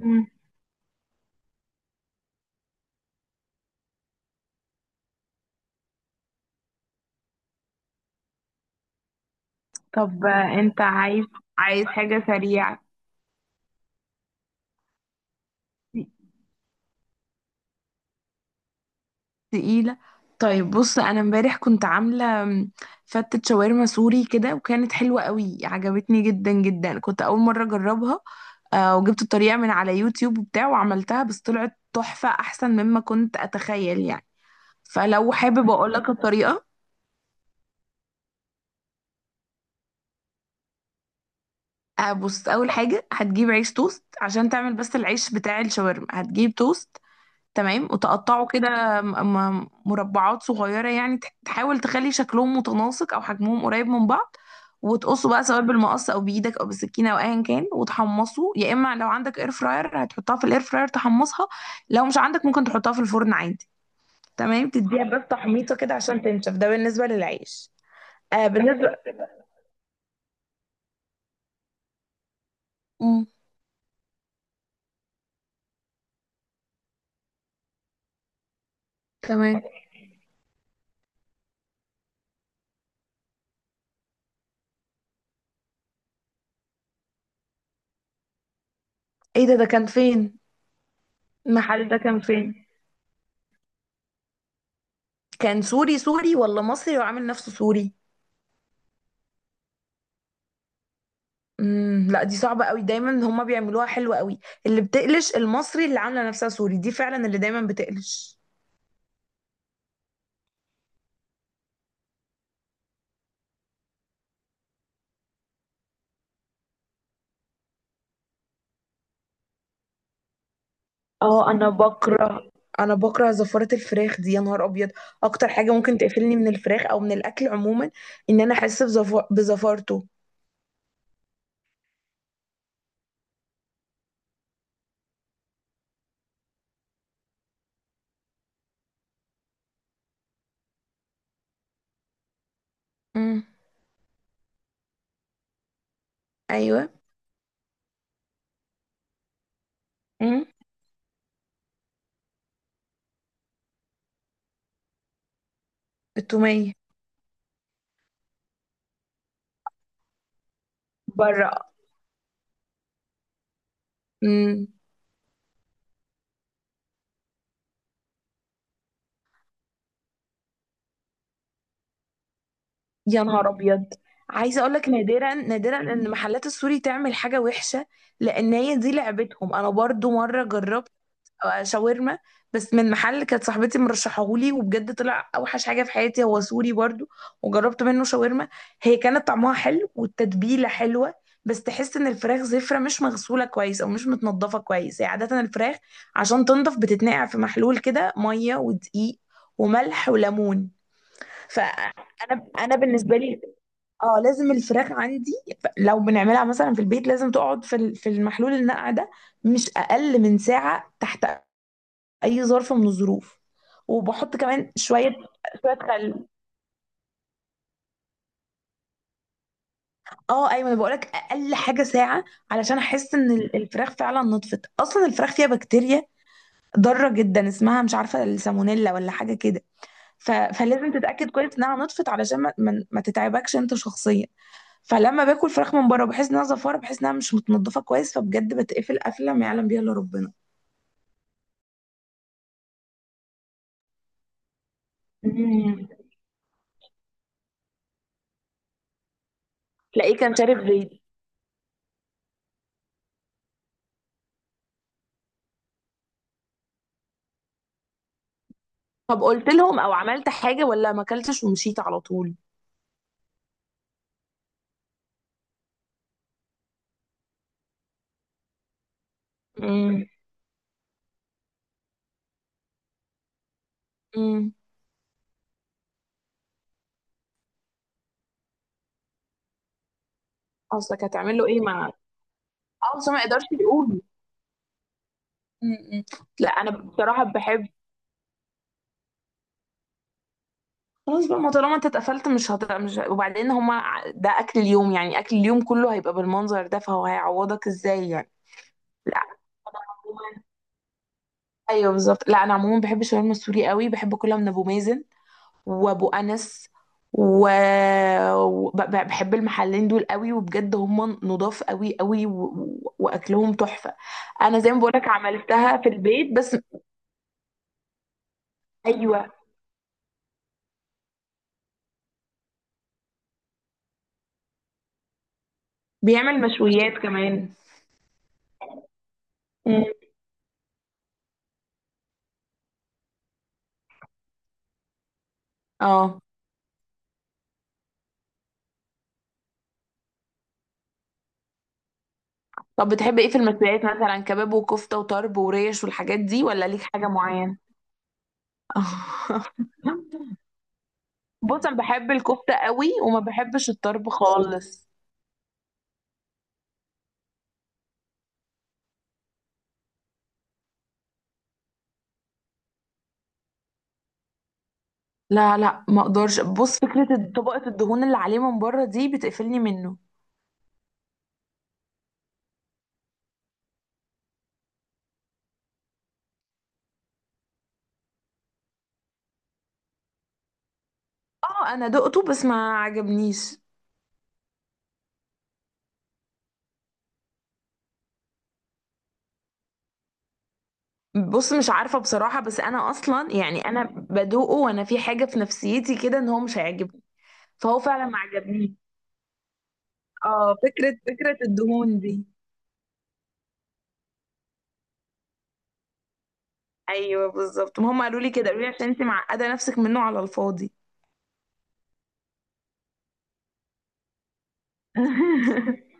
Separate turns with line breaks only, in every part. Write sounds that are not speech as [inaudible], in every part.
مم. طب، انت عايز حاجة سريعة تقيلة. طيب بص، انا امبارح كنت عاملة فتة شاورما سوري كده، وكانت حلوة قوي، عجبتني جدا جدا، كنت اول مرة اجربها. وجبت الطريقة من على يوتيوب وبتاع، وعملتها بس طلعت تحفة احسن مما كنت اتخيل يعني. فلو حابب اقول لك الطريقة، بص، اول حاجة هتجيب عيش توست عشان تعمل، بس العيش بتاع الشاورما هتجيب توست. تمام، وتقطعه كده مربعات صغيرة، يعني تحاول تخلي شكلهم متناسق أو حجمهم قريب من بعض. وتقصه بقى سواء بالمقص أو بإيدك أو بالسكينة أو أيا كان، وتحمصه. يا إما لو عندك إير فراير هتحطها في الإير فراير تحمصها، لو مش عندك ممكن تحطها في الفرن عادي. تمام، تديها بس تحميطة كده عشان تنشف. ده بالنسبة للعيش. بالنسبة... مم. تمام. ايه ده؟ كان فين؟ المحل ده كان فين؟ كان سوري سوري ولا مصري وعامل نفسه سوري؟ لا، دي صعبة قوي، دايما هما بيعملوها حلوة قوي. اللي بتقلش المصري اللي عاملة نفسها سوري، دي فعلا اللي دايما بتقلش. اه انا بكره، انا بكره زفارة الفراخ دي، يا نهار ابيض. اكتر حاجة ممكن تقفلني من الفراخ او من الاكل عموما ان انا احس بزفارته. امم. ايوه. امم. التومية بره. امم. يا نهار ابيض. عايزة اقول لك، نادرا نادرا ان محلات السوري تعمل حاجة وحشة، لان هي دي لعبتهم. انا برضو مرة جربت شاورما، بس من محل كانت صاحبتي مرشحهولي، وبجد طلع اوحش حاجه في حياتي، هو سوري برضو. وجربت منه شاورما، هي كانت طعمها حلو والتتبيله حلوه، بس تحس ان الفراخ زفره مش مغسوله كويس او مش متنضفه كويس. هي عاده الفراخ عشان تنضف بتتنقع في محلول كده، ميه ودقيق وملح وليمون. فانا بالنسبه لي، اه لازم الفراخ عندي لو بنعملها مثلا في البيت لازم تقعد في في المحلول، النقع ده مش اقل من ساعه تحت اي ظرف من الظروف. وبحط كمان شويه شويه خل. اه ايوه، انا بقولك اقل حاجه ساعه، علشان احس ان الفراخ فعلا نطفت. اصلا الفراخ فيها بكتيريا ضاره جدا اسمها، مش عارفه، السالمونيلا ولا حاجه كده. فلازم تتاكد كويس انها نطفت، علشان ما تتعبكش انت شخصيا. فلما باكل فراخ من بره، بحس انها زفاره، بحس انها مش متنضفه كويس، فبجد بتقفل قفله ما يعلم بيها الا ربنا. مم. تلاقيه كان شارب زيت. طب، قلت لهم او عملت حاجه، ولا ما اكلتش ومشيت على طول؟ امم. امم. قصدك هتعمل له ايه مع... اه بس هو ما يقدرش يقول. امم. لا انا بصراحه بحب... خلاص بقى، ما طالما انت اتقفلت، مش، وبعدين هما ده اكل اليوم، يعني اكل اليوم كله هيبقى بالمنظر ده، فهو هيعوضك ازاي يعني؟ لا. أنا عموماً- ايوه بالظبط. لا انا عموما بحب الشاورما السوري قوي، بحب اكلها من ابو مازن وابو انس و... بحب المحلين دول قوي، وبجد هم نضاف قوي قوي، واكلهم تحفة. انا زي ما بقولك عملتها في البيت بس... ايوه، بيعمل مشويات كمان. مم. اه، طب بتحب ايه في المشويات؟ مثلا كباب وكفتة وطرب وريش والحاجات دي، ولا ليك حاجة معينة؟ [laughs] بص انا بحب الكفتة قوي، وما بحبش الطرب خالص. لا لا، ما اقدرش. بص، فكرة طبقة الدهون اللي عليه من بره دي بتقفلني منه. اه انا دقته بس ما عجبنيش. بص، مش عارفة بصراحة، بس انا اصلا يعني انا بدوقه وانا في حاجة في نفسيتي كده ان هو مش هيعجبني، فهو فعلا ما عجبنيش. اه، فكرة الدهون دي. ايوه بالظبط، ما هم قالوا لي كده، قالوا لي عشان انت معقدة نفسك منه على الفاضي. [laughs]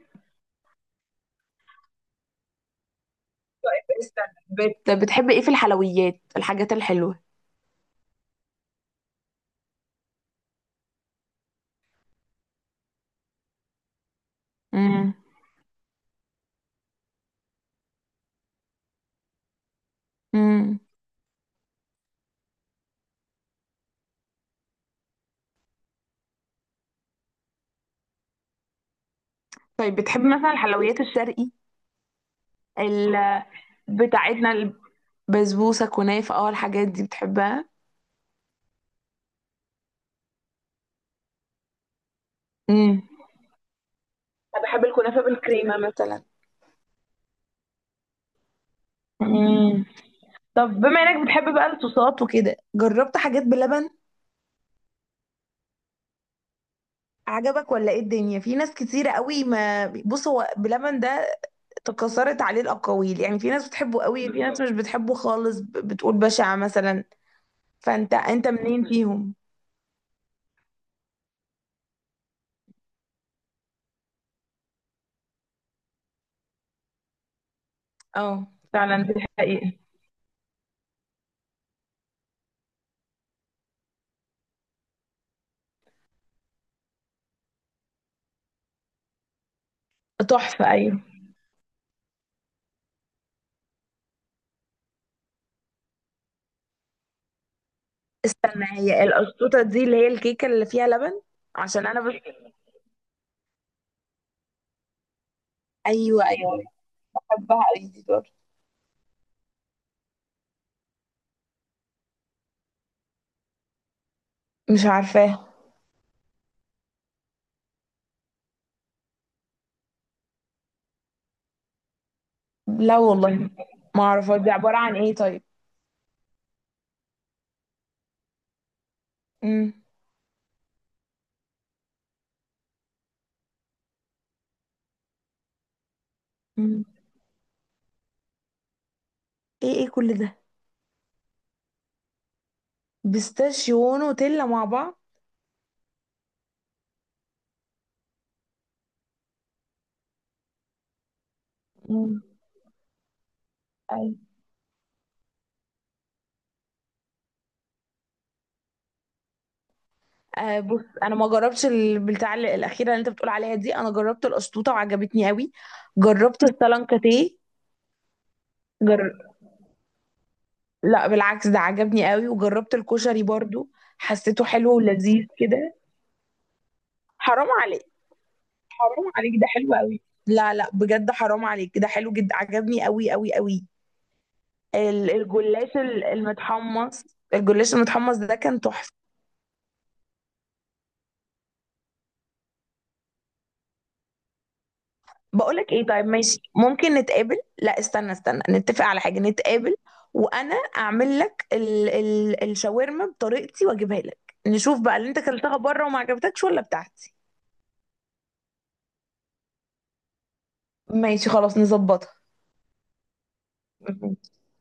استنى، بتحب ايه في الحلويات، الحاجات الحلوة؟ امم. امم. طيب بتحب مثلا الحلويات الشرقي، ال... بتاعتنا، البسبوسة، كنافة؟ اه، الحاجات دي بتحبها؟ امم. أنا بحب الكنافة بالكريمة مثلا. مم. طب بما انك بتحب بقى الصوصات وكده، جربت حاجات بلبن؟ عجبك ولا ايه؟ الدنيا في ناس كتيرة قوي، ما... بص، هو بلبن ده تكاثرت عليه الأقاويل، يعني في ناس بتحبه قوي، في ناس مش بالظبط بتحبه خالص، بتقول بشع مثلا. فانت منين فيهم؟ اه فعلا، دي حقيقة. تحفة، ايوه. استنى، هي القشطوطة دي اللي هي الكيكة اللي فيها لبن؟ عشان انا بس... ايوه ايوه، بحبها قوي دي برضه. مش عارفاها. لا والله، ما اعرف دي عبارة عن ايه طيب؟ امم. مم. ايه، ايه كل ده؟ بيستاشيو ونوتيلا مع بعض؟ مم. ايوه. بص، انا ما جربتش البتاع الاخيره اللي انت بتقول عليها دي. انا جربت القشطوطه وعجبتني قوي، جربت السلانكاتيه. جر... لا بالعكس، ده عجبني قوي. وجربت الكشري برضو، حسيته حلو ولذيذ كده. حرام عليك. حرام عليك، ده حلو قوي. لا لا، بجد حرام عليك، ده حلو جدا، عجبني قوي قوي قوي. الجلاش المتحمص، الجلاش المتحمص ده كان تحفة. بقولك ايه، طيب ماشي، ممكن نتقابل. لا استنى استنى، نتفق على حاجة، نتقابل، وانا اعمل لك ال ال الشاورما بطريقتي واجيبها لك، نشوف بقى اللي انت اكلتها بره وما عجبتكش ولا بتاعتي. ماشي خلاص، نظبطها. [laughs]